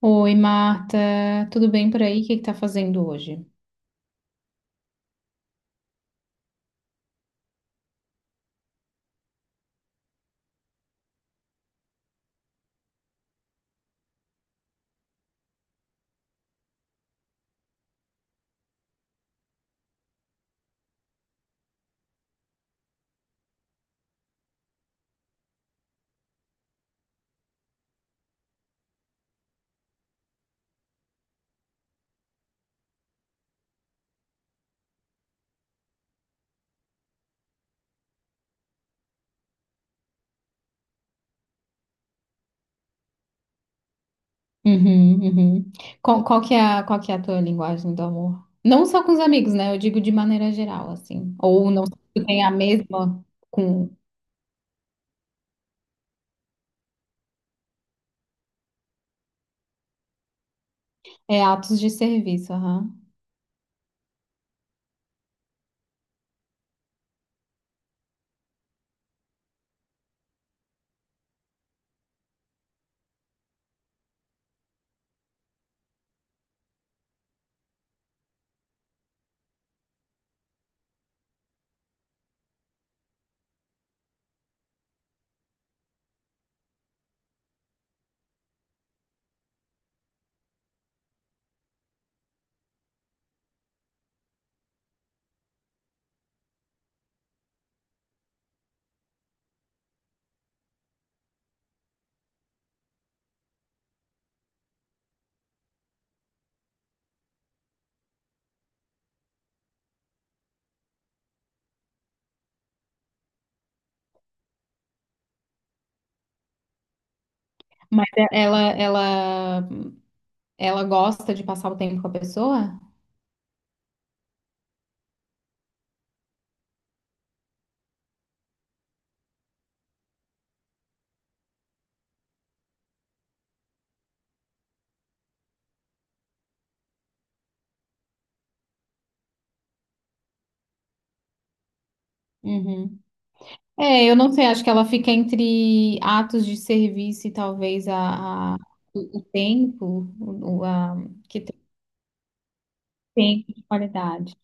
Oi, Marta, tudo bem por aí? O que que tá fazendo hoje? Uhum, uhum. Qual que é qual que é a tua linguagem do amor? Não só com os amigos, né? Eu digo de maneira geral, assim. Ou não sei se tu tem a mesma com é, atos de serviço, aham. Ela ela gosta de passar o tempo com a pessoa? Uhum. É, eu não sei, acho que ela fica entre atos de serviço e talvez o que tem tempo de qualidade.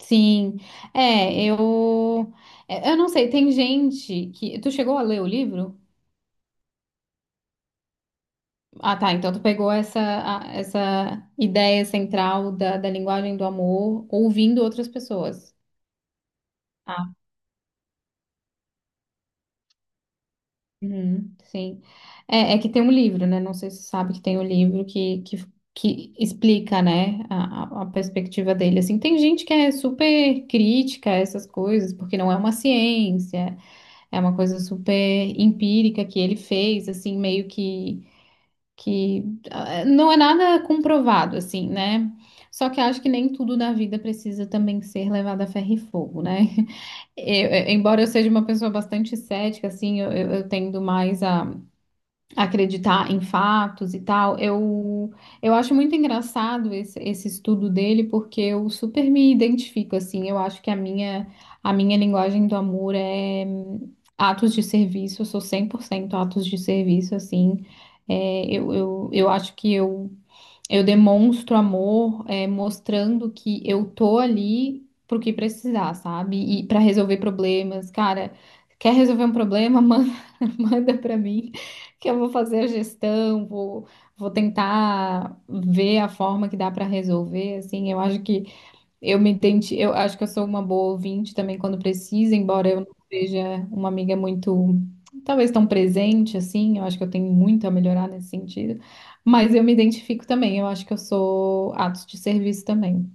Sim, é, é, eu não sei, tem gente que, tu chegou a ler o livro? Ah, tá, então tu pegou essa ideia central da, da linguagem do amor ouvindo outras pessoas. Ah, uhum, sim. É, é que tem um livro, né? Não sei se você sabe que tem um livro que explica, né, a perspectiva dele. Assim, tem gente que é super crítica a essas coisas, porque não é uma ciência. É uma coisa super empírica que ele fez, assim, meio que ah, é, não é nada comprovado, assim, né? Só que acho que nem tudo na vida precisa também ser levado a ferro e fogo, né? Embora eu seja uma pessoa bastante cética, assim, eu tendo mais a acreditar em fatos e tal, eu acho muito engraçado esse estudo dele, porque eu super me identifico, assim, eu acho que a minha linguagem do amor é atos de serviço, eu sou 100% atos de serviço, assim, é, eu acho que eu demonstro amor, é, mostrando que eu tô ali pro que precisar, sabe? E para resolver problemas. Cara, quer resolver um problema? Manda para mim, que eu vou fazer a gestão, vou tentar ver a forma que dá para resolver. Assim, eu acho que eu acho que eu sou uma boa ouvinte também quando precisa, embora eu não seja uma amiga muito, talvez tão presente assim, eu acho que eu tenho muito a melhorar nesse sentido, mas eu me identifico também, eu acho que eu sou atos de serviço também.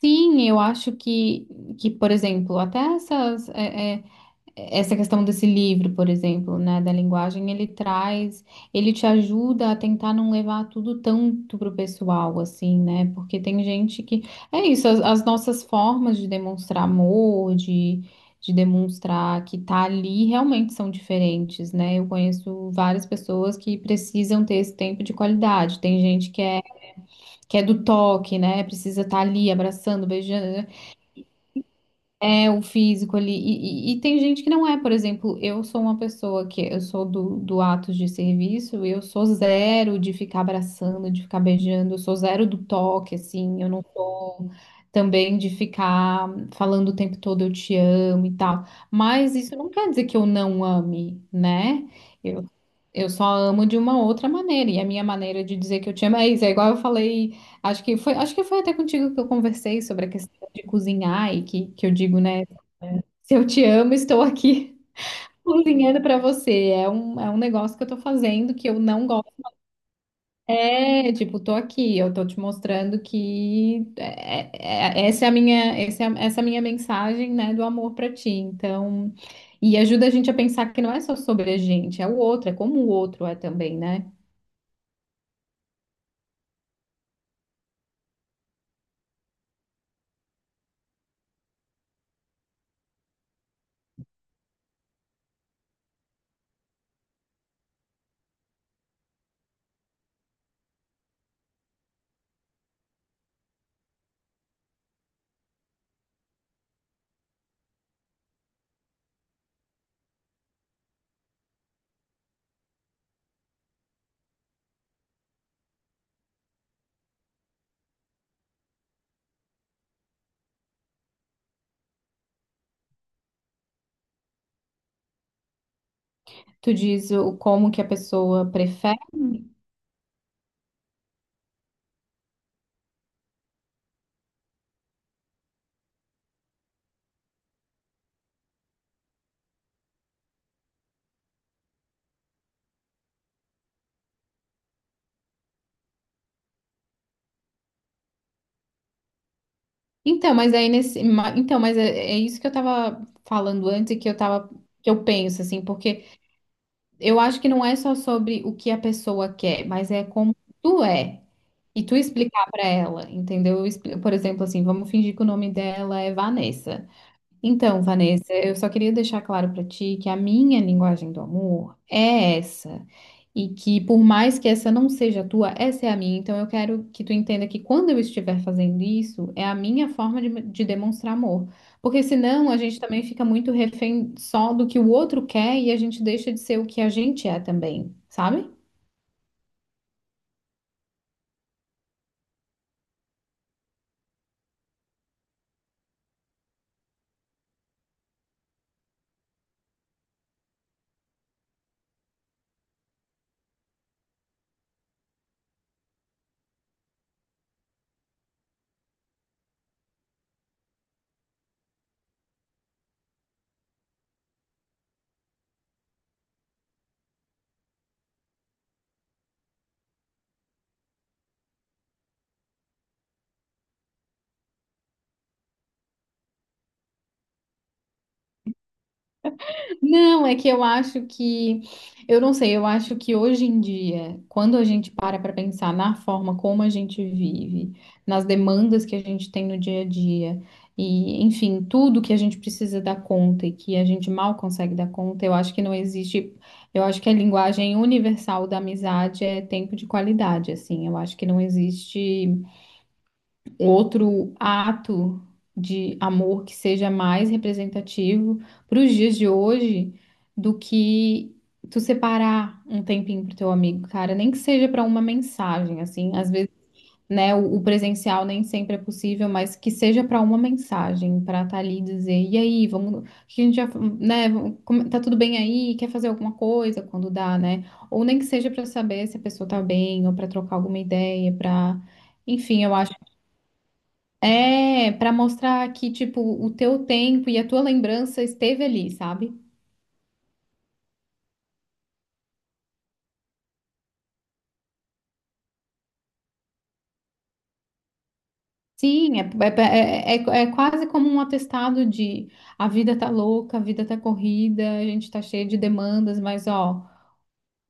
Sim, que por exemplo, até essas, é é, essa questão desse livro, por exemplo, né, da linguagem, ele te ajuda a tentar não levar tudo tanto pro pessoal, assim, né? Porque tem gente que é isso, as nossas formas de demonstrar amor, de demonstrar que tá ali realmente são diferentes, né? Eu conheço várias pessoas que precisam ter esse tempo de qualidade. Tem gente que é do toque, né? Precisa estar ali abraçando, beijando. É o físico ali. E tem gente que não é, por exemplo, eu sou uma pessoa que eu sou do ato de serviço, eu sou zero de ficar abraçando, de ficar beijando, eu sou zero do toque, assim, eu não sou também de ficar falando o tempo todo eu te amo e tal. Mas isso não quer dizer que eu não ame, né? Eu, eu só amo de uma outra maneira. E a minha maneira de dizer que eu te amo é isso. É igual eu falei, acho que foi até contigo que eu conversei sobre a questão de cozinhar e que eu digo, né? Se eu te amo, estou aqui cozinhando para você. É um negócio que eu tô fazendo que eu não gosto. É, tipo, tô aqui, eu tô te mostrando que é, essa é a minha mensagem, né, do amor para ti. Então, e ajuda a gente a pensar que não é só sobre a gente, é o outro, é como o outro é também, né? Tu diz o como que a pessoa prefere. Então, mas aí nesse, ma- então, mas é, é isso que eu tava falando antes que eu penso assim, porque eu acho que não é só sobre o que a pessoa quer, mas é como tu é. E tu explicar pra ela, entendeu? Por exemplo, assim, vamos fingir que o nome dela é Vanessa. Então, Vanessa, eu só queria deixar claro para ti que a minha linguagem do amor é essa. E que por mais que essa não seja a tua, essa é a minha. Então eu quero que tu entenda que quando eu estiver fazendo isso, é a minha forma de demonstrar amor. Porque senão a gente também fica muito refém só do que o outro quer e a gente deixa de ser o que a gente é também, sabe? Não, é que eu não sei, eu acho que hoje em dia, quando a gente para pensar na forma como a gente vive, nas demandas que a gente tem no dia a dia, e enfim, tudo que a gente precisa dar conta e que a gente mal consegue dar conta, eu acho que não existe, eu acho que a linguagem universal da amizade é tempo de qualidade, assim, eu acho que não existe outro ato de amor que seja mais representativo para os dias de hoje do que tu separar um tempinho pro teu amigo, cara, nem que seja para uma mensagem, assim, às vezes, né, o presencial nem sempre é possível, mas que seja para uma mensagem, para estar ali e dizer, e aí, vamos, o que a gente já, né, vamos- como- tá tudo bem aí, quer fazer alguma coisa quando dá, né? Ou nem que seja para saber se a pessoa tá bem, ou para trocar alguma ideia, para enfim, eu acho é, para mostrar que, tipo, o teu tempo e a tua lembrança esteve ali, sabe? Sim, é quase como um atestado de a vida tá louca, a vida tá corrida, a gente tá cheio de demandas, mas ó,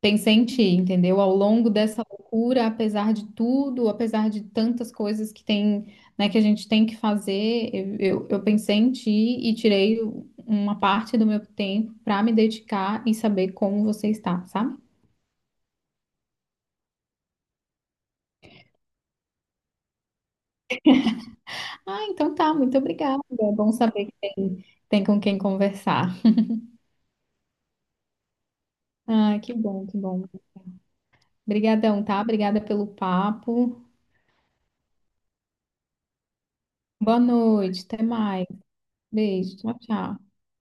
pensei em ti, entendeu? Ao longo dessa loucura, apesar de tudo, apesar de tantas coisas que tem, né, que a gente tem que fazer, eu pensei em ti e tirei uma parte do meu tempo para me dedicar e saber como você está, sabe? Ah, então tá, muito obrigada. É bom saber que tem, tem com quem conversar. Ah, que bom, que bom. Obrigadão, tá? Obrigada pelo papo. Boa noite, até mais. Beijo, tchau, tchau.